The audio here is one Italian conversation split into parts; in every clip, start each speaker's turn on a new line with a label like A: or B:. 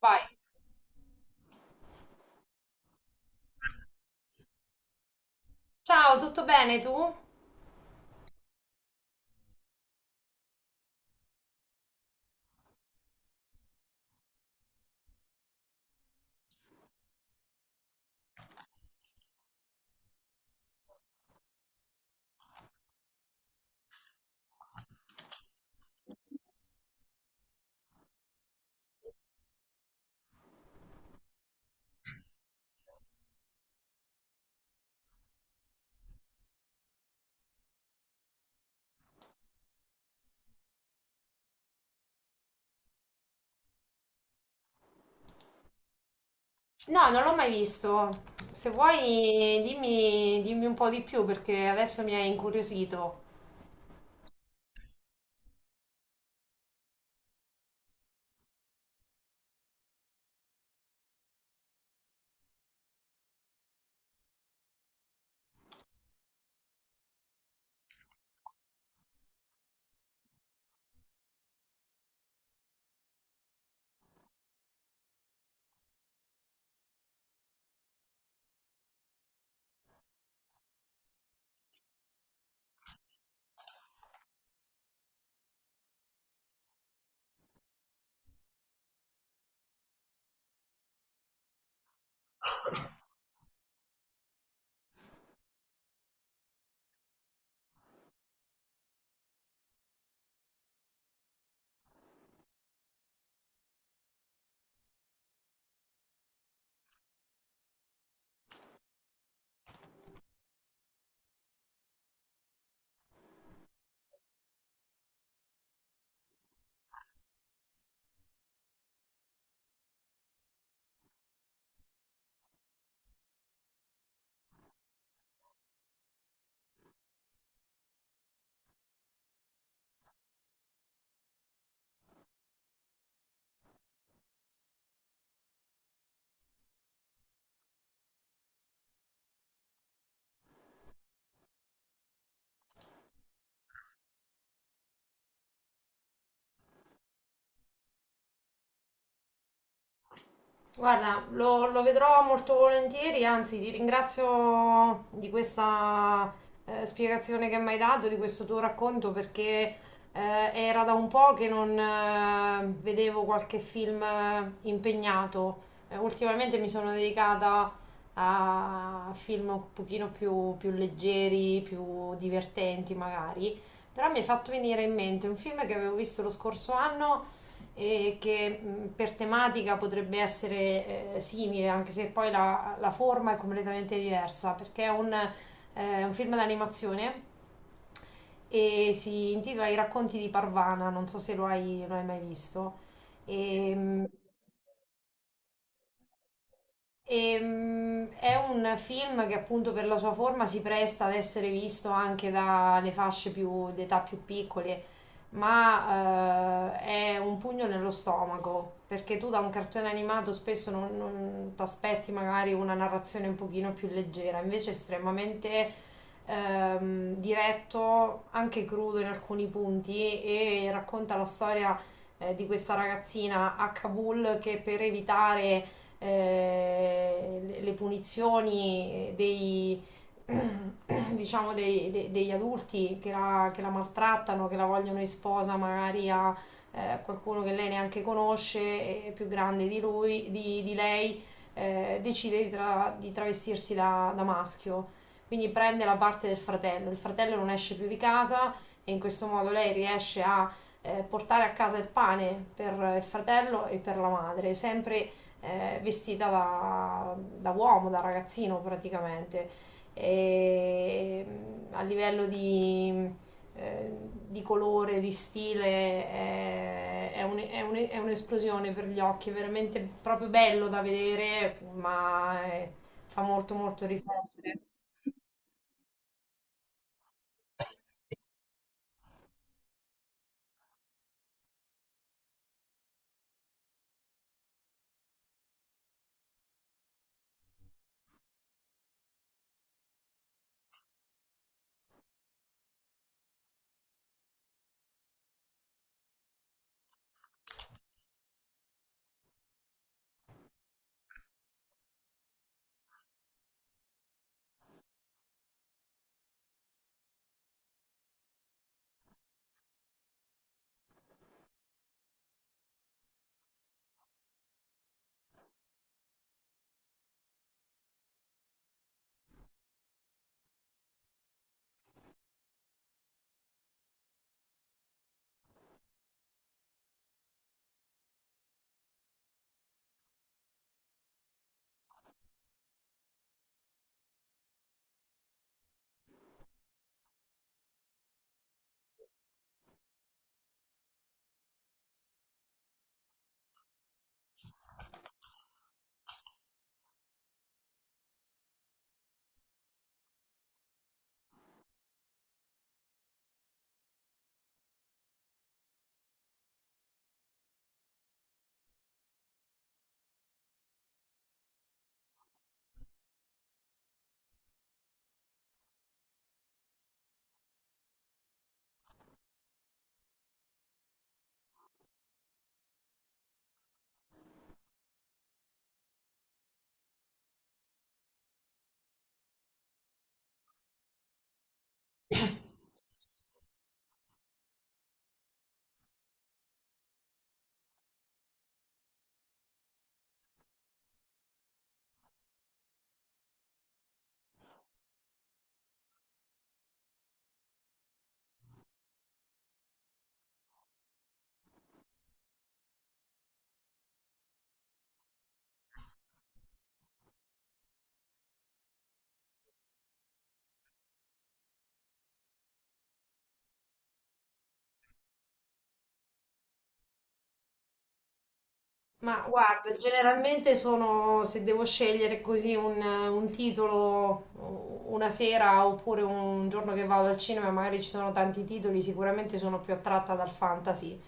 A: Vai. Ciao, tutto bene tu? No, non l'ho mai visto. Se vuoi, dimmi un po' di più perché adesso mi hai incuriosito. Guarda, lo vedrò molto volentieri, anzi ti ringrazio di questa spiegazione che mi hai dato, di questo tuo racconto, perché era da un po' che non vedevo qualche film impegnato. Ultimamente mi sono dedicata a film un pochino più leggeri, più divertenti magari, però mi è fatto venire in mente un film che avevo visto lo scorso anno e che per tematica potrebbe essere simile, anche se poi la forma è completamente diversa, perché è un film d'animazione e si intitola I racconti di Parvana, non so se lo hai mai visto. E, mh, è un film che appunto per la sua forma si presta ad essere visto anche dalle fasce d'età più piccole ma è un pugno nello stomaco, perché tu da un cartone animato spesso non ti aspetti magari una narrazione un pochino più leggera, invece è estremamente diretto, anche crudo in alcuni punti, e racconta la storia di questa ragazzina a Kabul che per evitare le punizioni dei diciamo degli adulti che la maltrattano, che la vogliono in sposa magari a qualcuno che lei neanche conosce, è più grande di lui, di lei, decide di travestirsi da maschio. Quindi prende la parte del fratello. Il fratello non esce più di casa e in questo modo lei riesce a portare a casa il pane per il fratello e per la madre, sempre vestita da uomo, da ragazzino praticamente e a livello eh, di colore, di stile è è un'esplosione per gli occhi, è veramente proprio bello da vedere, ma fa molto molto riflettere. Ma guarda, generalmente sono, se devo scegliere così un titolo una sera oppure un giorno che vado al cinema, magari ci sono tanti titoli, sicuramente sono più attratta dal fantasy.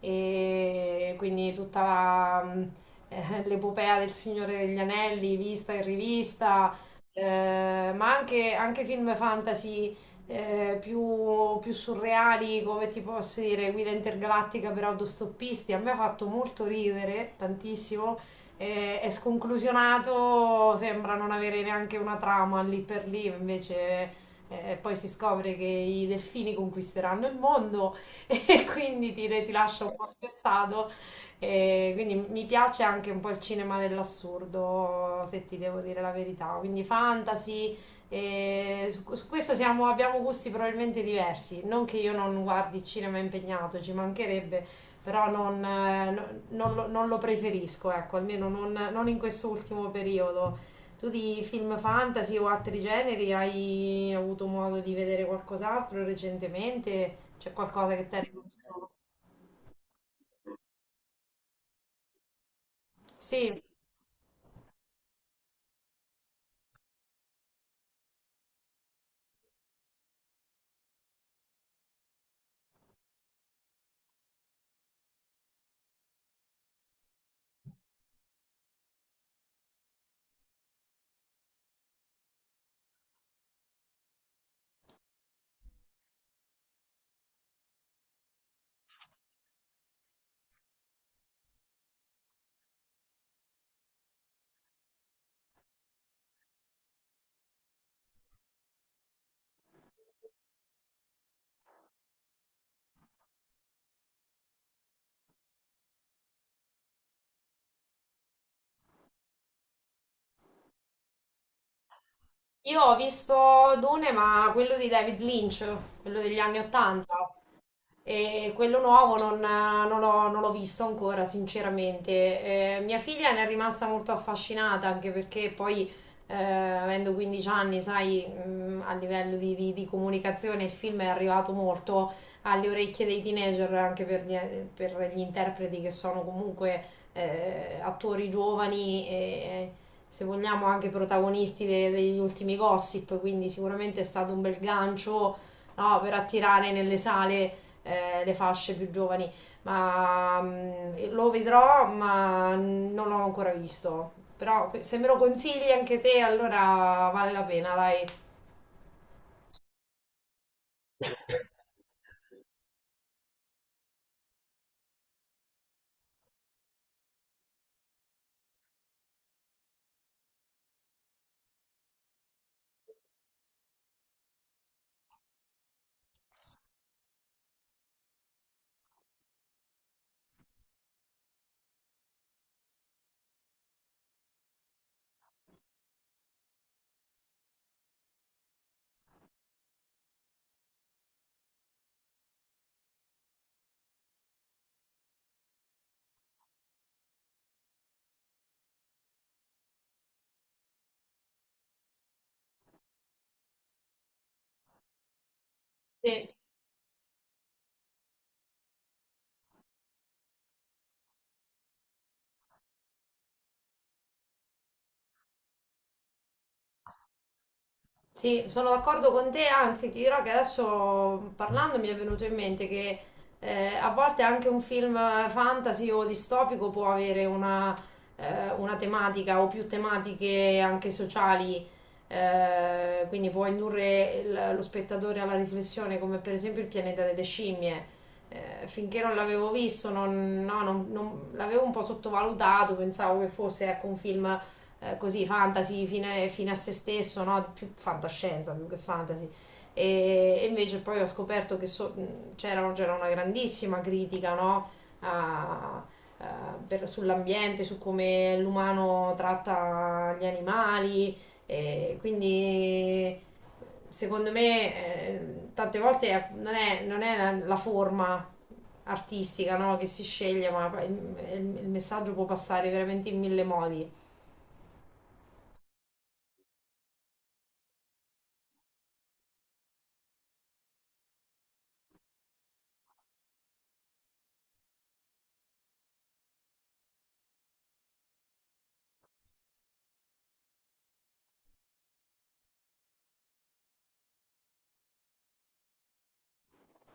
A: E quindi tutta l'epopea del Signore degli Anelli, vista e rivista, ma anche film fantasy più surreali, come ti posso dire, guida intergalattica per autostoppisti. A me ha fatto molto ridere, tantissimo. È sconclusionato, sembra non avere neanche una trama lì per lì, invece. Poi si scopre che i delfini conquisteranno il mondo e quindi ti lascia un po' spiazzato. E quindi mi piace anche un po' il cinema dell'assurdo, se ti devo dire la verità. Quindi fantasy, e su questo abbiamo gusti probabilmente diversi. Non che io non guardi il cinema impegnato, ci mancherebbe, però non non lo preferisco, ecco, almeno non in quest'ultimo periodo. Tu di film fantasy o altri generi hai avuto modo di vedere qualcos'altro recentemente? C'è qualcosa che ti è rimasto? Sì, io ho visto Dune, ma quello di David Lynch, quello degli anni Ottanta. E quello nuovo non l'ho non l'ho visto ancora, sinceramente. Mia figlia ne è rimasta molto affascinata, anche perché poi, avendo 15 anni, sai, a livello di comunicazione il film è arrivato molto alle orecchie dei teenager, anche per per gli interpreti che sono comunque attori giovani e, se vogliamo, anche protagonisti degli ultimi gossip, quindi sicuramente è stato un bel gancio, no, per attirare nelle sale le fasce più giovani, ma lo vedrò, ma non l'ho ancora visto. Però se me lo consigli anche te, allora vale la pena, dai. Sì. Sì, sono d'accordo con te, anzi ti dirò che adesso parlando mi è venuto in mente che a volte anche un film fantasy o distopico può avere una tematica o più tematiche anche sociali, quindi può indurre lo spettatore alla riflessione, come per esempio il pianeta delle scimmie. Finché non l'avevo visto, non, no, non- non- l'avevo un po' sottovalutato, pensavo che fosse, ecco, un film così fantasy fine, fine a se stesso, no? Più fantascienza più che fantasy. E invece poi ho scoperto che c'era una grandissima critica, no? a, Sull'ambiente, su come l'umano tratta gli animali, e quindi secondo me tante volte non è la forma artistica, no, che si sceglie, ma il messaggio può passare veramente in mille modi.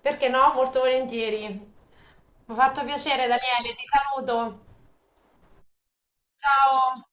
A: Perché no? Molto volentieri. Mi ha fatto piacere, Daniele, ti saluto. Ciao.